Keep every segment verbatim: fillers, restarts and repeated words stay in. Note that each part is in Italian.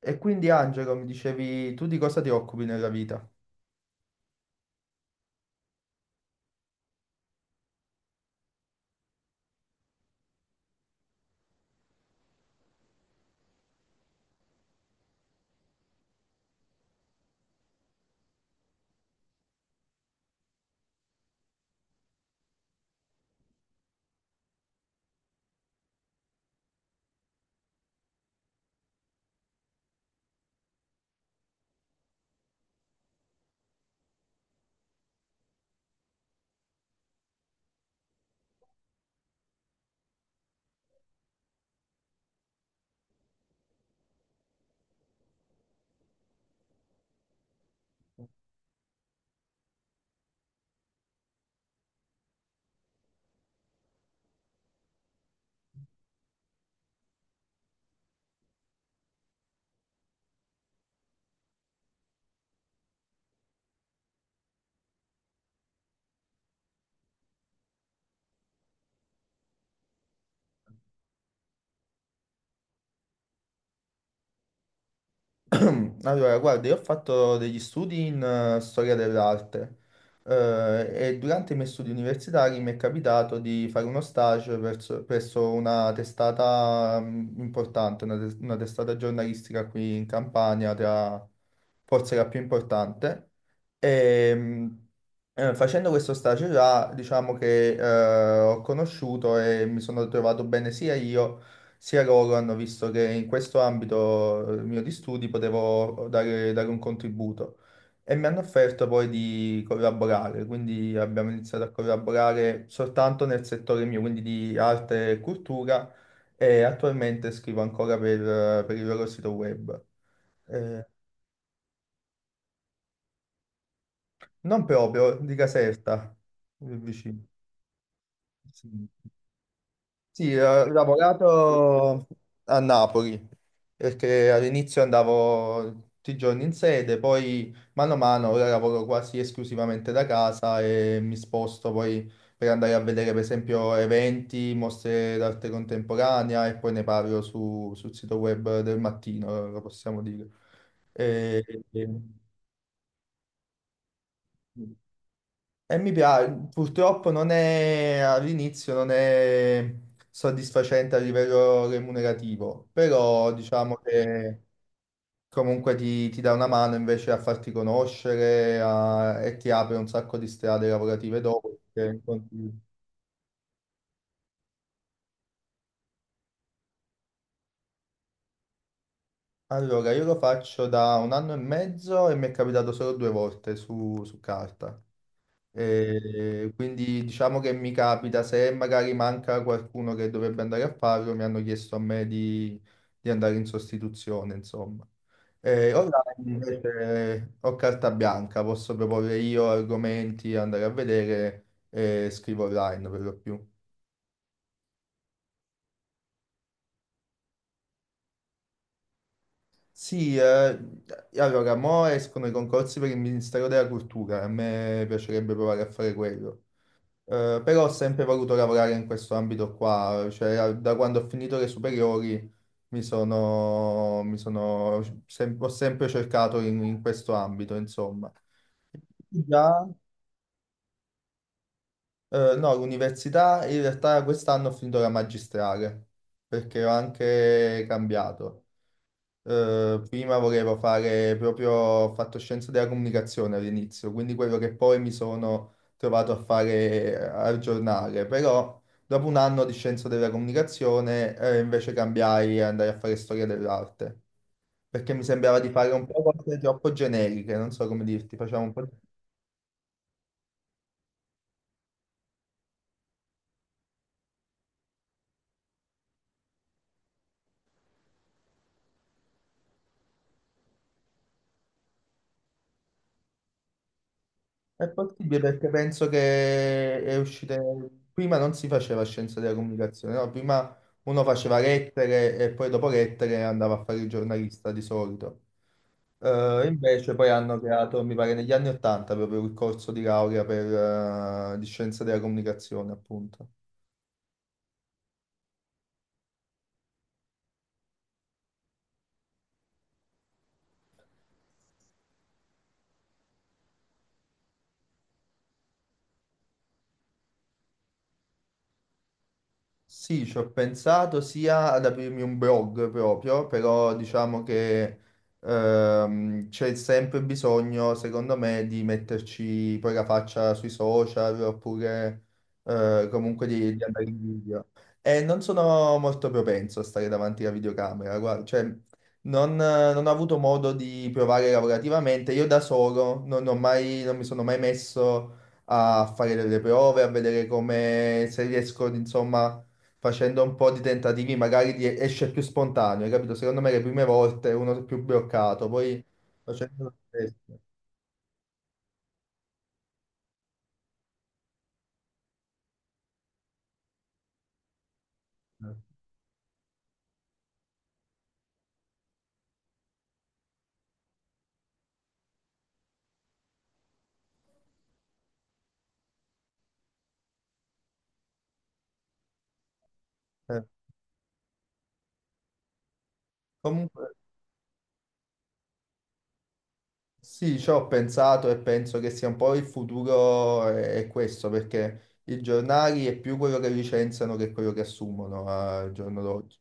E quindi Angelo, mi dicevi, tu di cosa ti occupi nella vita? Allora, guarda, io ho fatto degli studi in eh, storia dell'arte eh, e durante i miei studi universitari mi è capitato di fare uno stage verso- presso una testata mm, importante, una, tes- una testata giornalistica qui in Campania, tra, forse la più importante. E, eh, Facendo questo stage là, diciamo che eh, ho conosciuto e mi sono trovato bene sia io sia loro, hanno visto che in questo ambito eh, mio di studi potevo dare, dare un contributo e mi hanno offerto poi di collaborare, quindi abbiamo iniziato a collaborare soltanto nel settore mio, quindi di arte e cultura e attualmente scrivo ancora per, per il loro sito web. Eh, Non proprio, di Caserta, vicino. Sì. Sì, eh, ho lavorato a Napoli perché all'inizio andavo tutti i giorni in sede, poi mano a mano ora lavoro quasi esclusivamente da casa e mi sposto poi per andare a vedere per esempio eventi, mostre d'arte contemporanea e poi ne parlo su- sul sito web del mattino, lo possiamo dire. E- e- E mi piace, purtroppo non è all'inizio non è soddisfacente a livello remunerativo, però diciamo che comunque ti, ti dà una mano invece a farti conoscere a- e ti apre un sacco di strade lavorative dopo. Perché incontri- allora, io lo faccio da un anno e mezzo e mi è capitato solo due volte su, su carta. E quindi diciamo che mi capita, se magari manca qualcuno che dovrebbe andare a farlo, mi hanno chiesto a me di, di andare in sostituzione, insomma. E online invece ho carta bianca, posso proporre io argomenti, andare a vedere e scrivo online per lo più. Sì, eh, allora, mo escono i concorsi per il Ministero della Cultura, a me piacerebbe provare a fare quello. Eh, però ho sempre voluto lavorare in questo ambito qua, cioè eh, da quando ho finito le superiori mi sono, mi sono sem- ho sempre cercato in, in questo ambito, insomma. Già, eh, no, l'università in realtà quest'anno ho finito la magistrale perché ho anche cambiato. Eh, prima volevo fare proprio, ho fatto scienze della comunicazione all'inizio, quindi quello che poi mi sono trovato a fare eh, al giornale, però dopo un anno di scienze della comunicazione eh, invece cambiai e andai a fare storia dell'arte, perché mi sembrava di fare un po' cose troppo generiche, non so come dirti, facciamo un po'. È possibile perché penso che è uscita. Prima non si faceva scienza della comunicazione, no? Prima uno faceva lettere e poi dopo lettere andava a fare il giornalista di solito. Eh, invece poi hanno creato, mi pare negli anni Ottanta, proprio il corso di laurea per, eh, di scienza della comunicazione, appunto. Sì, ci ho pensato sia ad aprirmi un blog proprio, però diciamo che ehm, c'è sempre bisogno, secondo me, di metterci poi la faccia sui social oppure eh, comunque di, di andare in video. E non sono molto propenso a stare davanti alla videocamera, guarda, cioè non, non ho avuto modo di provare lavorativamente. Io da solo non ho mai- non mi sono mai messo a fare delle prove, a vedere come se riesco, insomma facendo un po' di tentativi, magari di- esce più spontaneo, hai capito? Secondo me le prime volte uno è più bloccato, poi facendo lo stesso. Eh, Comunque sì, ci ho pensato e penso che sia un po' il futuro è, è questo, perché i giornali è più quello che licenziano che quello che assumono al giorno d'oggi.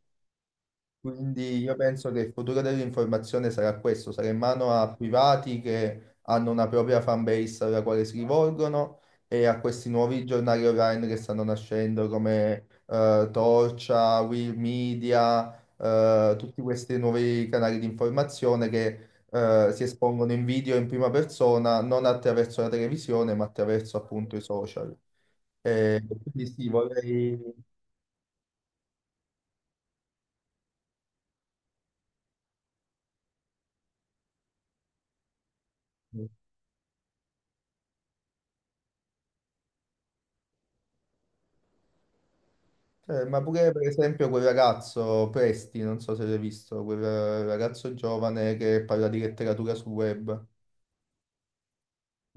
Quindi io penso che il futuro dell'informazione sarà questo, sarà in mano a privati che hanno una propria fanbase alla quale si rivolgono e a questi nuovi giornali online che stanno nascendo come eh, Torcia, Will Media, eh, tutti questi nuovi canali di informazione che eh, si espongono in video in prima persona, non attraverso la televisione, ma attraverso appunto i social. E quindi sì, vorrei. Eh, ma pure per esempio quel ragazzo Presti, non so se l'hai visto, quel eh, ragazzo giovane che parla di letteratura sul web.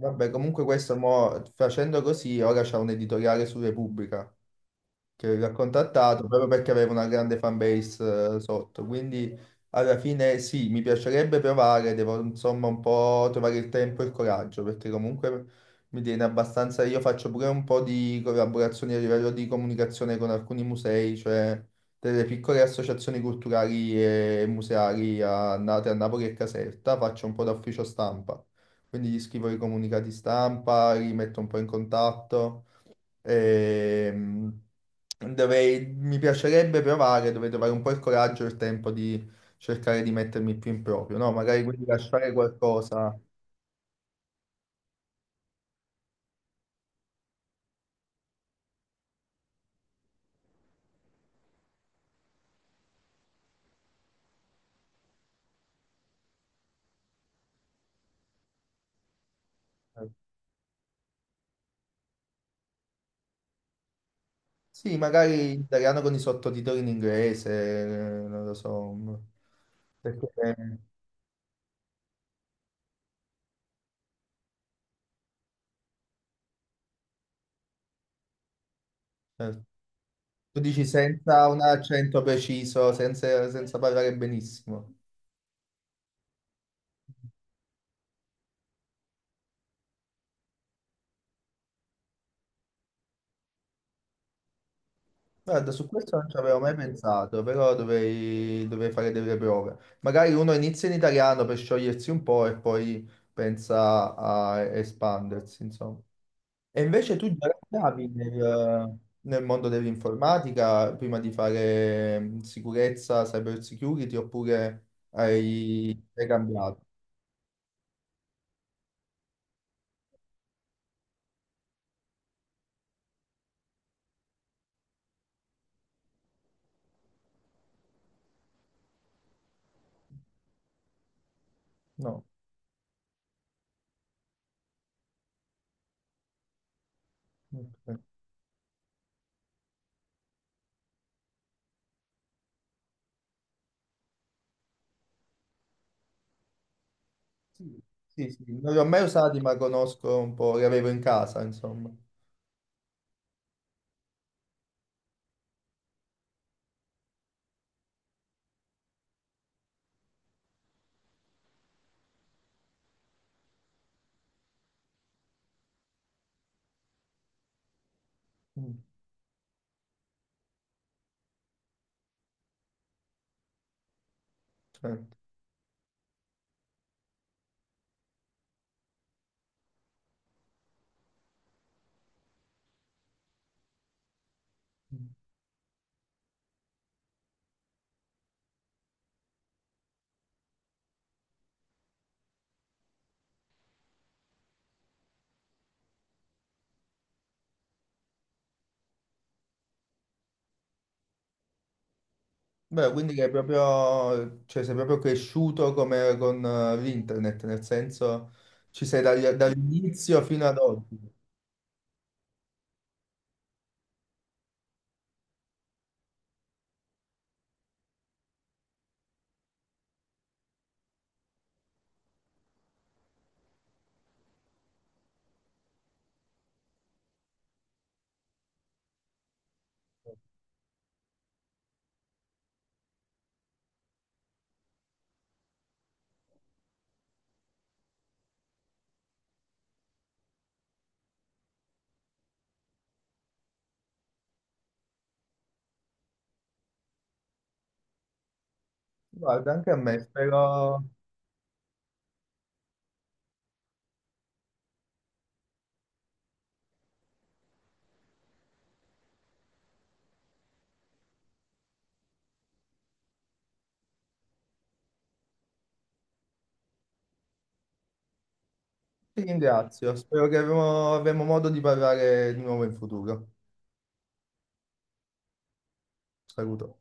Vabbè, comunque questo mo, facendo così, ora c'è un editoriale su Repubblica che aveva contattato proprio perché aveva una grande fanbase eh, sotto. Quindi alla fine sì, mi piacerebbe provare, devo insomma un po' trovare il tempo e il coraggio, perché comunque mi tiene abbastanza. Io faccio pure un po' di collaborazioni a livello di comunicazione con alcuni musei, cioè delle piccole associazioni culturali e museali a, nate a Napoli e Caserta, faccio un po' da ufficio stampa. Quindi gli scrivo i comunicati stampa, li metto un po' in contatto. Ehm, dovrei- Mi piacerebbe provare, dovrei trovare un po' il coraggio e il tempo di cercare di mettermi più in proprio, no? Magari quindi lasciare qualcosa. Sì, magari in italiano con i sottotitoli in inglese, eh, non lo so. mm, Perché, eh, tu dici senza un accento preciso, senza, senza parlare benissimo. Guarda, su questo non ci avevo mai pensato, però dovrei, dovrei fare delle prove. Magari uno inizia in italiano per sciogliersi un po' e poi pensa a espandersi, insomma. E invece tu già lavoravi nel, nel mondo dell'informatica prima di fare mm, sicurezza, cyber security, oppure hai, hai cambiato? No. Ok. Sì, sì, sì, non li ho mai usati, ma conosco un po', li avevo in casa, insomma. Mm, certo. Beh, quindi che è proprio, cioè, sei proprio cresciuto come con eh, l'internet, nel senso ci sei dagli- dall'inizio fino ad oggi. Guarda, anche a me, spero, ti ringrazio, spero che avremo, avremo modo di parlare di nuovo in futuro. Saluto.